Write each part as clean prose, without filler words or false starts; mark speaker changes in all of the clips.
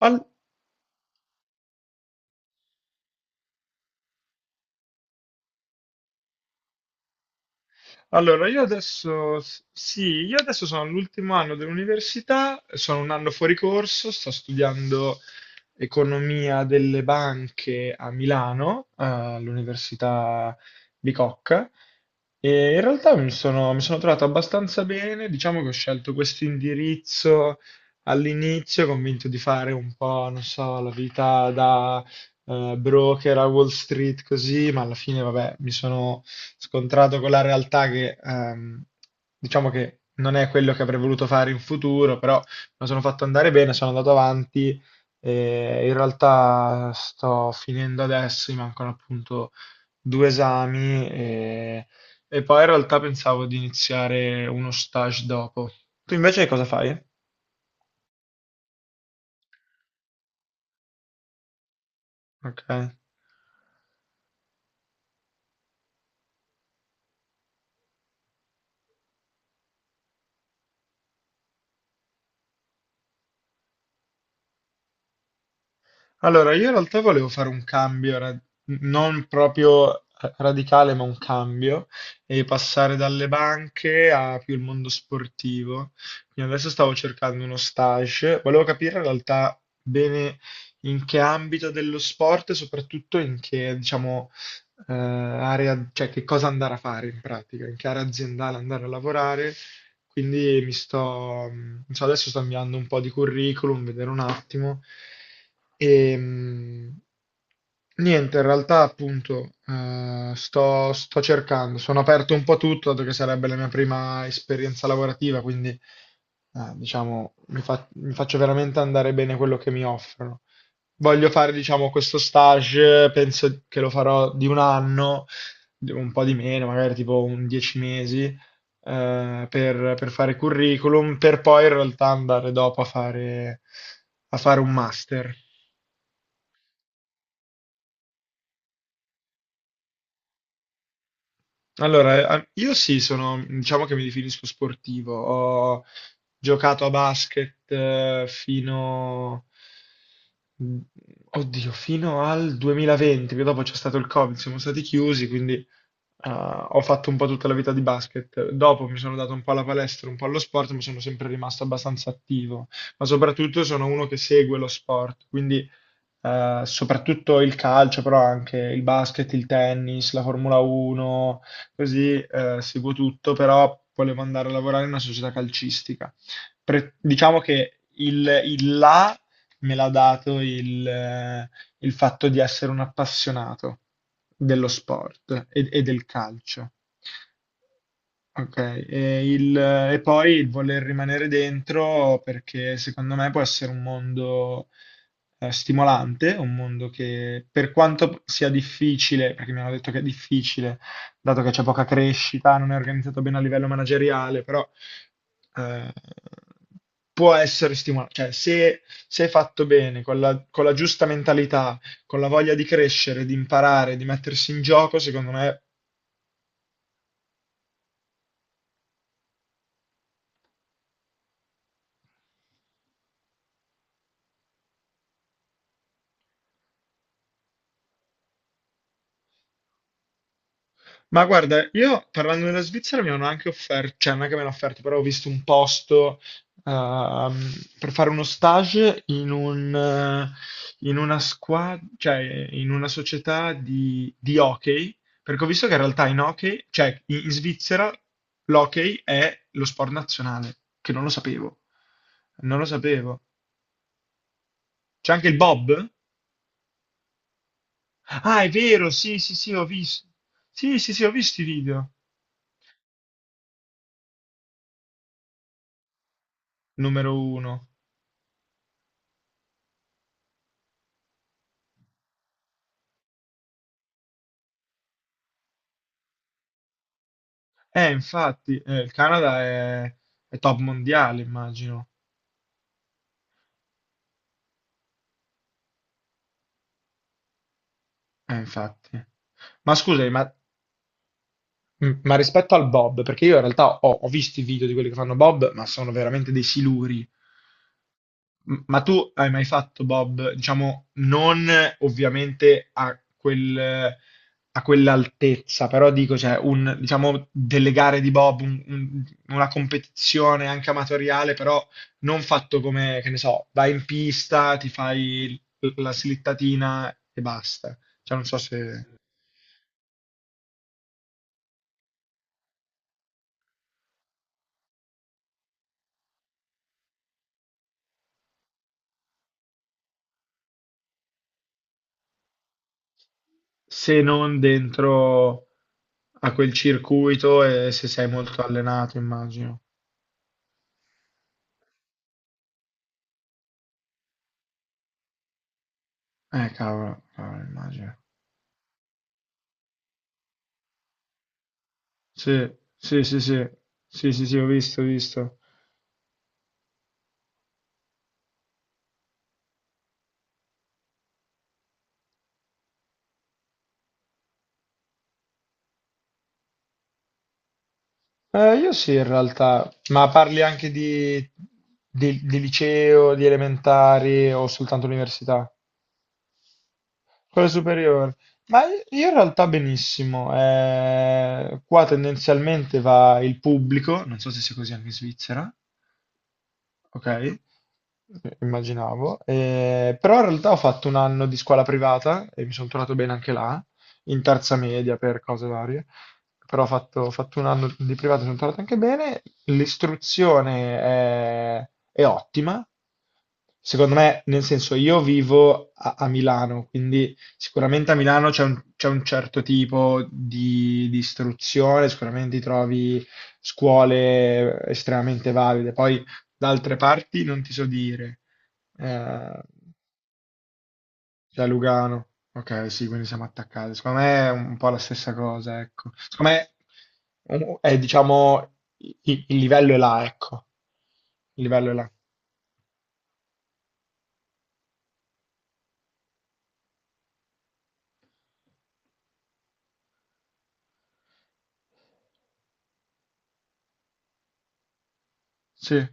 Speaker 1: Al- Allora, io adesso, sì, io adesso sono all'ultimo anno dell'università, sono un anno fuori corso, sto studiando economia delle banche a Milano, all'Università Bicocca, e in realtà mi sono trovato abbastanza bene, diciamo che ho scelto questo indirizzo all'inizio, convinto di fare un po', non so, la vita broker a Wall Street così, ma alla fine, vabbè, mi sono scontrato con la realtà che diciamo che non è quello che avrei voluto fare in futuro, però mi sono fatto andare bene, sono andato avanti e in realtà sto finendo adesso, mi mancano appunto due esami e poi in realtà pensavo di iniziare uno stage dopo. Tu invece cosa fai? Ok. Allora, io in realtà volevo fare un cambio, non proprio radicale, ma un cambio, e passare dalle banche a più il mondo sportivo. Quindi adesso stavo cercando uno stage, volevo capire in realtà bene in che ambito dello sport e soprattutto in che, diciamo, area, cioè che cosa andare a fare in pratica, in che area aziendale andare a lavorare, quindi mi sto, cioè adesso sto inviando un po' di curriculum, vedere un attimo. E, mh, niente, in realtà appunto sto cercando, sono aperto un po' a tutto, dato che sarebbe la mia prima esperienza lavorativa, quindi diciamo mi, mi faccio veramente andare bene quello che mi offrono. Voglio fare, diciamo, questo stage, penso che lo farò di un anno, un po' di meno, magari tipo un 10 mesi per fare curriculum, per poi in realtà andare dopo a fare un master. Allora, io sì, sono, diciamo che mi definisco sportivo. Ho giocato a basket fino, mm, oddio, fino al 2020, che dopo c'è stato il Covid, siamo stati chiusi, quindi ho fatto un po' tutta la vita di basket. Dopo mi sono dato un po' alla palestra, un po' allo sport, ma sono sempre rimasto abbastanza attivo. Ma soprattutto sono uno che segue lo sport, quindi soprattutto il calcio, però anche il basket, il tennis, la Formula 1, così seguo tutto, però volevo andare a lavorare in una società calcistica. Diciamo che il là me l'ha dato il fatto di essere un appassionato dello sport e del calcio. Ok, e, e poi il voler rimanere dentro perché secondo me può essere un mondo stimolante, un mondo che per quanto sia difficile, perché mi hanno detto che è difficile, dato che c'è poca crescita, non è organizzato bene a livello manageriale, però eh, può essere stimolante. Cioè, se, se è fatto bene, con la giusta mentalità, con la voglia di crescere, di imparare, di mettersi in gioco, secondo me. Ma guarda, io parlando della Svizzera mi hanno anche offerto, cioè non è che mi hanno offerto, però ho visto un posto ehm, per fare uno stage in un, in una squadra, cioè in una società di hockey, perché ho visto che in realtà in hockey, cioè in, in Svizzera l'hockey è lo sport nazionale, che non lo sapevo, non lo sapevo. C'è anche il Bob? Ah, è vero, sì, sì, sì, ho visto. Sì, sì, sì, ho visto i video. Numero uno. Infatti, il Canada è top mondiale, immagino. Infatti. Ma scusami, ma, ma rispetto al Bob, perché io in realtà ho, ho visto i video di quelli che fanno Bob, ma sono veramente dei siluri. Ma tu hai mai fatto Bob, diciamo, non ovviamente a quel, a quell'altezza, però dico, cioè, un, diciamo, delle gare di Bob, una competizione anche amatoriale, però non fatto come, che ne so, vai in pista, ti fai la slittatina e basta. Cioè, non so se, se non dentro a quel circuito e se sei molto allenato, immagino. Cavolo, cavolo, immagino. Sì, sì, sì, sì, sì, sì, sì, ho visto, ho visto. Io sì, in realtà, ma parli anche di, di liceo, di elementari o soltanto università? Quello superiore. Ma io in realtà benissimo. Eh, qua tendenzialmente va il pubblico, non so se sia così anche in Svizzera. Ok. Immaginavo. Però in realtà ho fatto un anno di scuola privata e mi sono trovato bene anche là, in terza media per cose varie, però ho fatto un anno di privata e sono trovato anche bene, l'istruzione è ottima, secondo me, nel senso io vivo a, a Milano, quindi sicuramente a Milano c'è un certo tipo di istruzione, sicuramente ti trovi scuole estremamente valide, poi da altre parti non ti so dire. Eh, cioè Lugano. Ok, sì, quindi siamo attaccati. Secondo me è un po' la stessa cosa, ecco. Secondo me è, diciamo, il livello è là, ecco. Il livello è là. Sì,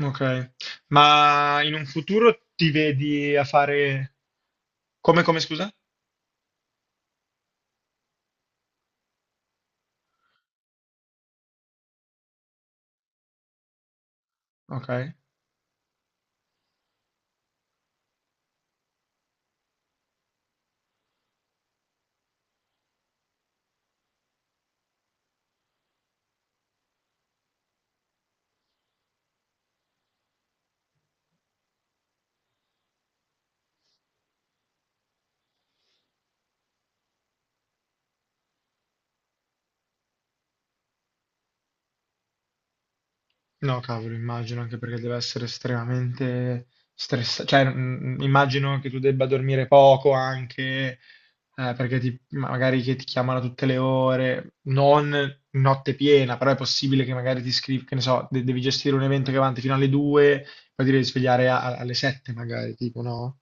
Speaker 1: ok. Ma in un futuro ti vedi a fare... Come, come, scusa? Ok. No, cavolo, immagino, anche perché deve essere estremamente stressante. Cioè, mm, mm, immagino che tu debba dormire poco anche, perché magari che ti chiamano a tutte le ore, non notte piena, però è possibile che magari ti scrivi, che ne so, devi gestire un evento che va avanti fino alle 2, poi ti devi svegliare alle 7 magari, tipo, no?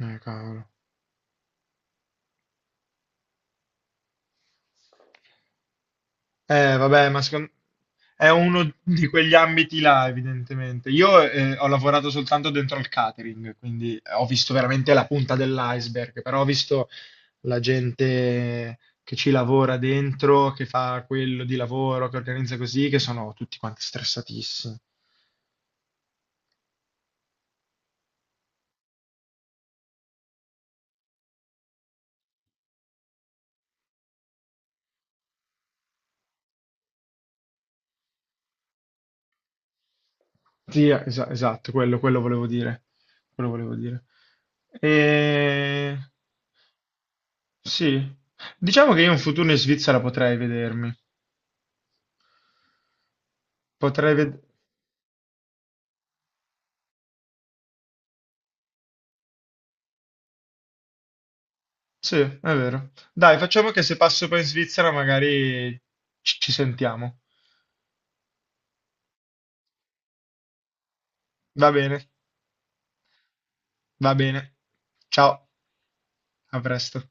Speaker 1: Cavolo. Vabbè, ma secondo... è uno di quegli ambiti là, evidentemente. Io ho lavorato soltanto dentro il catering, quindi ho visto veramente la punta dell'iceberg, però ho visto la gente che ci lavora dentro, che fa quello di lavoro, che organizza così, che sono tutti quanti stressatissimi. Sì, esatto, quello volevo dire. Quello volevo dire. E... Sì, diciamo che io un futuro in Svizzera potrei vedermi. Potrei vedere. Sì, è vero. Dai, facciamo che se passo poi in Svizzera magari ci sentiamo. Va bene, va bene. Ciao, a presto.